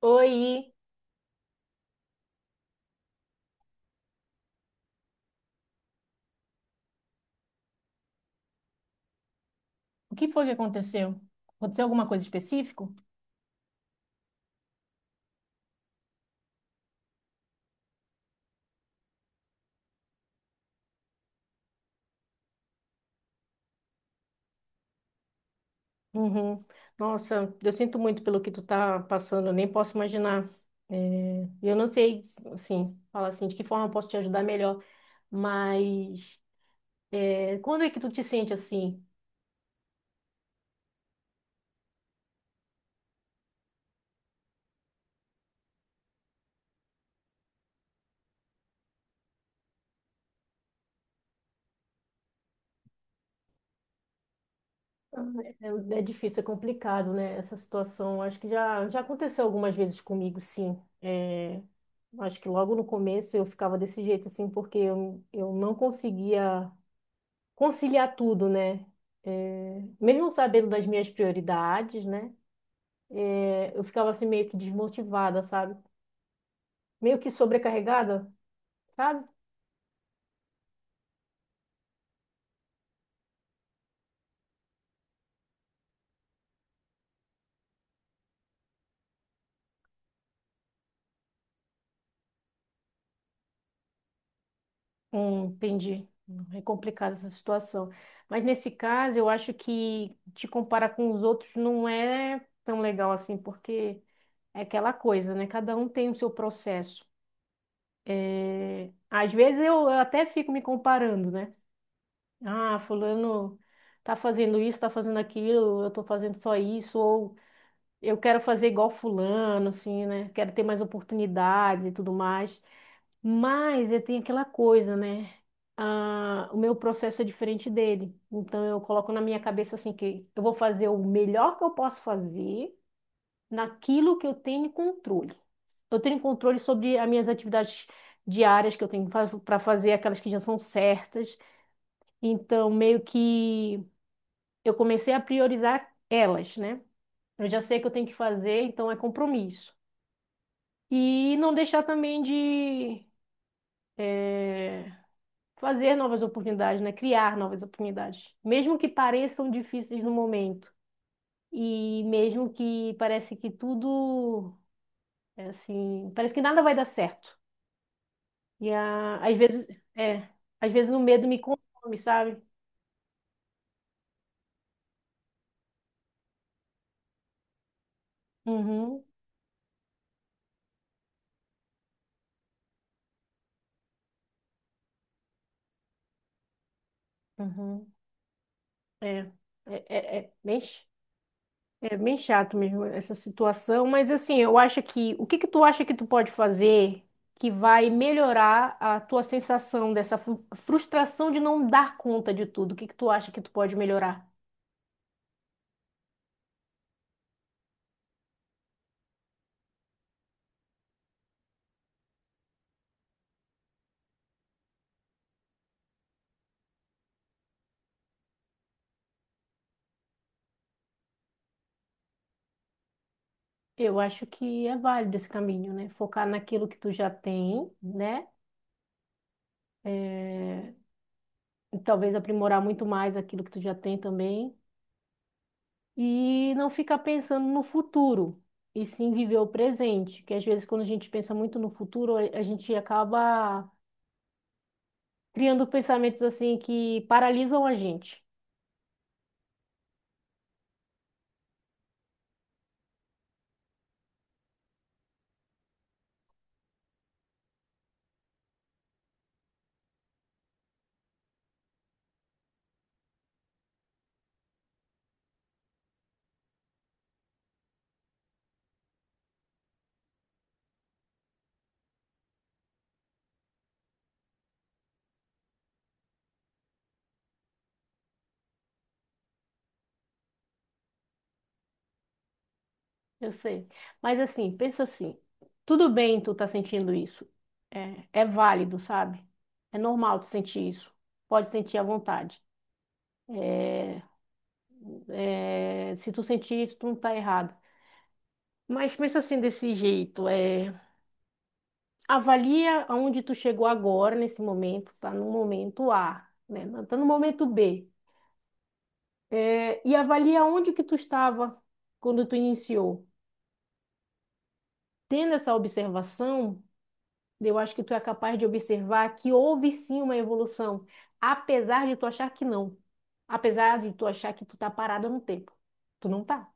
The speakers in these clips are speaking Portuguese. Oi, o que foi que aconteceu? Aconteceu alguma coisa específica? Uhum. Nossa, eu sinto muito pelo que tu tá passando, eu nem posso imaginar. É, eu não sei, assim, falar assim, de que forma eu posso te ajudar melhor, mas é, quando é que tu te sente assim? É, é difícil, é complicado, né, essa situação. Acho que já aconteceu algumas vezes comigo, sim. É, acho que logo no começo eu ficava desse jeito, assim, porque eu não conseguia conciliar tudo, né? É, mesmo sabendo das minhas prioridades, né? É, eu ficava assim meio que desmotivada, sabe? Meio que sobrecarregada, sabe? Entendi. É complicada essa situação. Mas nesse caso, eu acho que te comparar com os outros não é tão legal assim, porque é aquela coisa, né? Cada um tem o seu processo. Às vezes eu até fico me comparando, né? Ah, fulano tá fazendo isso, tá fazendo aquilo, eu tô fazendo só isso, ou eu quero fazer igual fulano, assim, né? Quero ter mais oportunidades e tudo mais. Mas eu tenho aquela coisa, né? Ah, o meu processo é diferente dele. Então eu coloco na minha cabeça assim que eu vou fazer o melhor que eu posso fazer naquilo que eu tenho controle. Eu tenho controle sobre as minhas atividades diárias que eu tenho para fazer, aquelas que já são certas. Então meio que eu comecei a priorizar elas, né? Eu já sei que eu tenho que fazer, então é compromisso. E não deixar também de fazer novas oportunidades, né? Criar novas oportunidades, mesmo que pareçam difíceis no momento. E mesmo que parece que tudo é assim, parece que nada vai dar certo. Às vezes, é, às vezes o medo me consome, sabe? Uhum, uhum, é, é, mexe. É bem chato mesmo essa situação, mas assim, eu acho que o que que tu acha que tu pode fazer que vai melhorar a tua sensação dessa frustração de não dar conta de tudo? O que que tu acha que tu pode melhorar? Eu acho que é válido esse caminho, né? Focar naquilo que tu já tem, né? É, e talvez aprimorar muito mais aquilo que tu já tem também e não ficar pensando no futuro e sim viver o presente, que às vezes quando a gente pensa muito no futuro, a gente acaba criando pensamentos assim que paralisam a gente. Eu sei. Mas assim, pensa assim, tudo bem tu tá sentindo isso. É válido, sabe? É normal tu sentir isso. Pode sentir à vontade. É, se tu sentir isso, tu não tá errado. Mas pensa assim desse jeito, é, avalia aonde tu chegou agora, nesse momento, tá no momento A, né? Não tá no momento B. É, e avalia onde que tu estava quando tu iniciou. Tendo essa observação, eu acho que tu é capaz de observar que houve sim uma evolução, apesar de tu achar que não. Apesar de tu achar que tu tá parada no tempo. Tu não tá.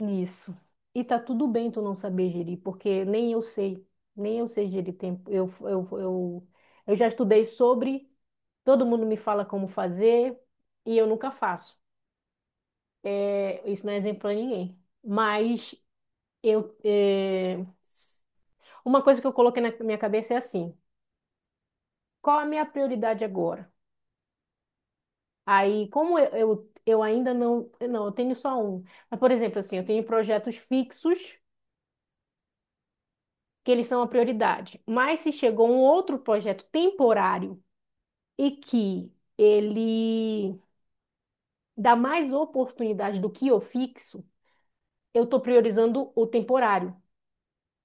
Isso. E tá tudo bem tu não saber gerir, porque nem eu sei, nem eu sei gerir tempo. Eu já estudei sobre, todo mundo me fala como fazer e eu nunca faço. É, isso não é exemplo para ninguém. Mas eu, é, uma coisa que eu coloquei na minha cabeça é assim: qual a minha prioridade agora? Aí, como eu ainda não, eu tenho só um. Mas, por exemplo, assim, eu tenho projetos fixos que eles são a prioridade. Mas se chegou um outro projeto temporário e que ele dá mais oportunidade do que o fixo, eu estou priorizando o temporário,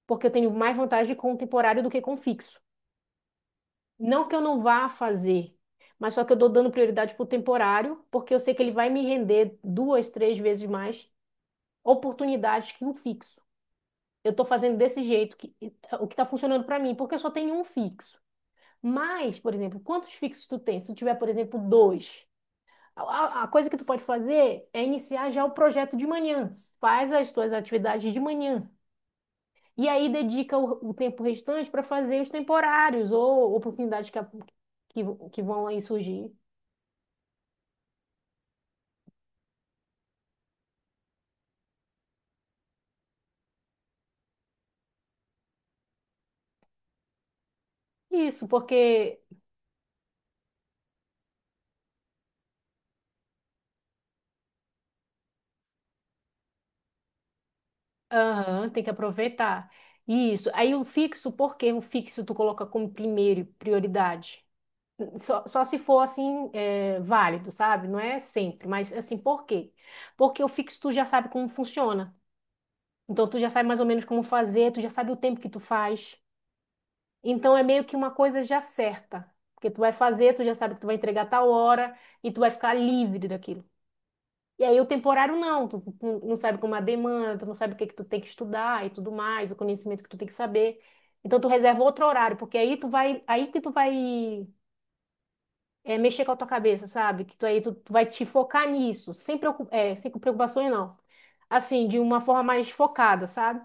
porque eu tenho mais vantagem com o temporário do que com o fixo. Não que eu não vá fazer, mas só que eu estou dando prioridade para o temporário, porque eu sei que ele vai me render duas, três vezes mais oportunidades que o fixo. Eu estou fazendo desse jeito, que, o que está funcionando para mim, porque eu só tenho um fixo. Mas, por exemplo, quantos fixos tu tem? Se tu tiver, por exemplo, dois. A coisa que tu pode fazer é iniciar já o projeto de manhã. Faz as tuas atividades de manhã. E aí dedica o tempo restante para fazer os temporários ou oportunidades que, que vão aí surgir. Isso, porque aham, tem que aproveitar. Isso. Aí o fixo, por que o fixo tu coloca como primeiro prioridade? Só se for assim, é, válido, sabe? Não é sempre, mas assim, por quê? Porque o fixo tu já sabe como funciona. Então tu já sabe mais ou menos como fazer, tu já sabe o tempo que tu faz. Então é meio que uma coisa já certa, porque tu vai fazer, tu já sabe que tu vai entregar tal hora e tu vai ficar livre daquilo. E aí o temporário não, tu não sabe como é a demanda, tu não sabe o que é que tu tem que estudar e tudo mais, o conhecimento que tu tem que saber. Então tu reserva outro horário, porque aí tu vai, aí que tu vai é, mexer com a tua cabeça, sabe? Que tu aí tu vai te focar nisso, sem preocu- é, sem preocupações não. Assim, de uma forma mais focada, sabe?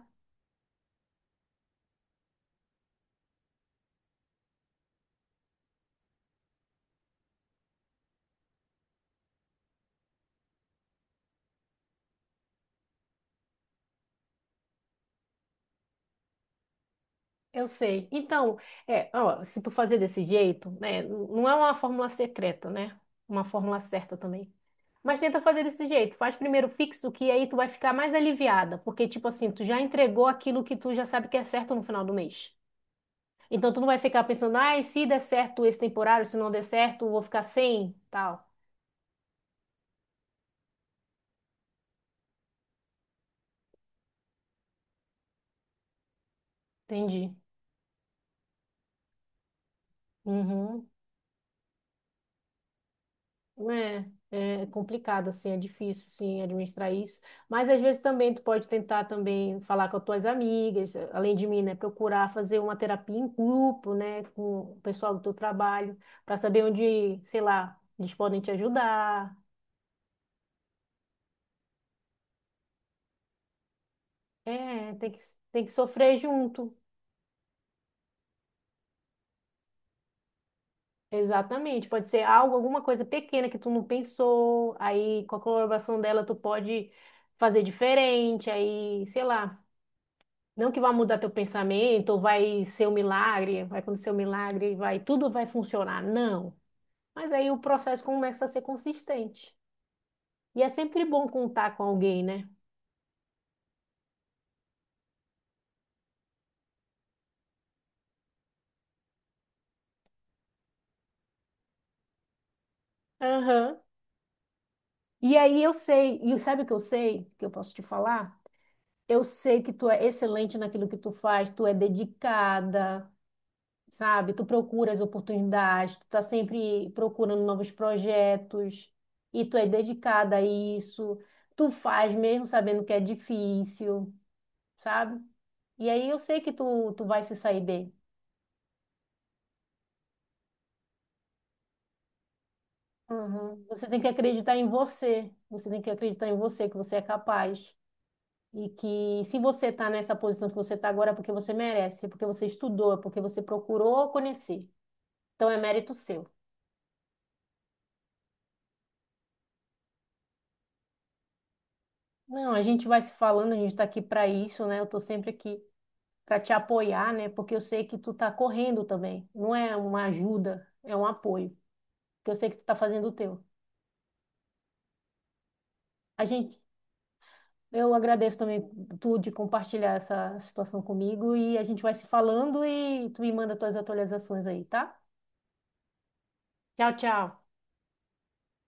Eu sei. Então, é, ó, se tu fazer desse jeito, né, não é uma fórmula secreta, né? Uma fórmula certa também. Mas tenta fazer desse jeito. Faz primeiro fixo, que aí tu vai ficar mais aliviada, porque tipo assim, tu já entregou aquilo que tu já sabe que é certo no final do mês. Então tu não vai ficar pensando, ai, se der certo esse temporário, se não der certo, eu vou ficar sem, tal. Entendi. Uhum. É, é complicado, assim, é difícil, assim, administrar isso. Mas às vezes também tu pode tentar também falar com as tuas amigas, além de mim, né? Procurar fazer uma terapia em grupo, né? Com o pessoal do teu trabalho, para saber onde, sei lá, eles podem te ajudar. É, tem que sofrer junto. Exatamente. Pode ser algo, alguma coisa pequena que tu não pensou, aí com a colaboração dela tu pode fazer diferente, aí, sei lá. Não que vai mudar teu pensamento, ou vai ser um milagre, vai acontecer um milagre, vai, tudo vai funcionar. Não. Mas aí o processo começa a ser consistente. E é sempre bom contar com alguém, né? Aham. E aí eu sei, e sabe o que eu sei, que eu posso te falar? Eu sei que tu é excelente naquilo que tu faz, tu é dedicada, sabe? Tu procura as oportunidades, tu tá sempre procurando novos projetos, e tu é dedicada a isso. Tu faz mesmo sabendo que é difícil, sabe? E aí eu sei que tu vai se sair bem. Uhum. Você tem que acreditar em você. Você tem que acreditar em você, que você é capaz. E que se você está nessa posição que você está agora, é porque você merece, é porque você estudou, é porque você procurou conhecer. Então é mérito seu. Não, a gente vai se falando, a gente está aqui para isso, né? Eu estou sempre aqui para te apoiar, né? Porque eu sei que tu está correndo também. Não é uma ajuda, é um apoio. Porque eu sei que tu está fazendo o teu. A gente Eu agradeço também tu de compartilhar essa situação comigo e a gente vai se falando e tu me manda tuas atualizações aí, tá? Tchau, tchau.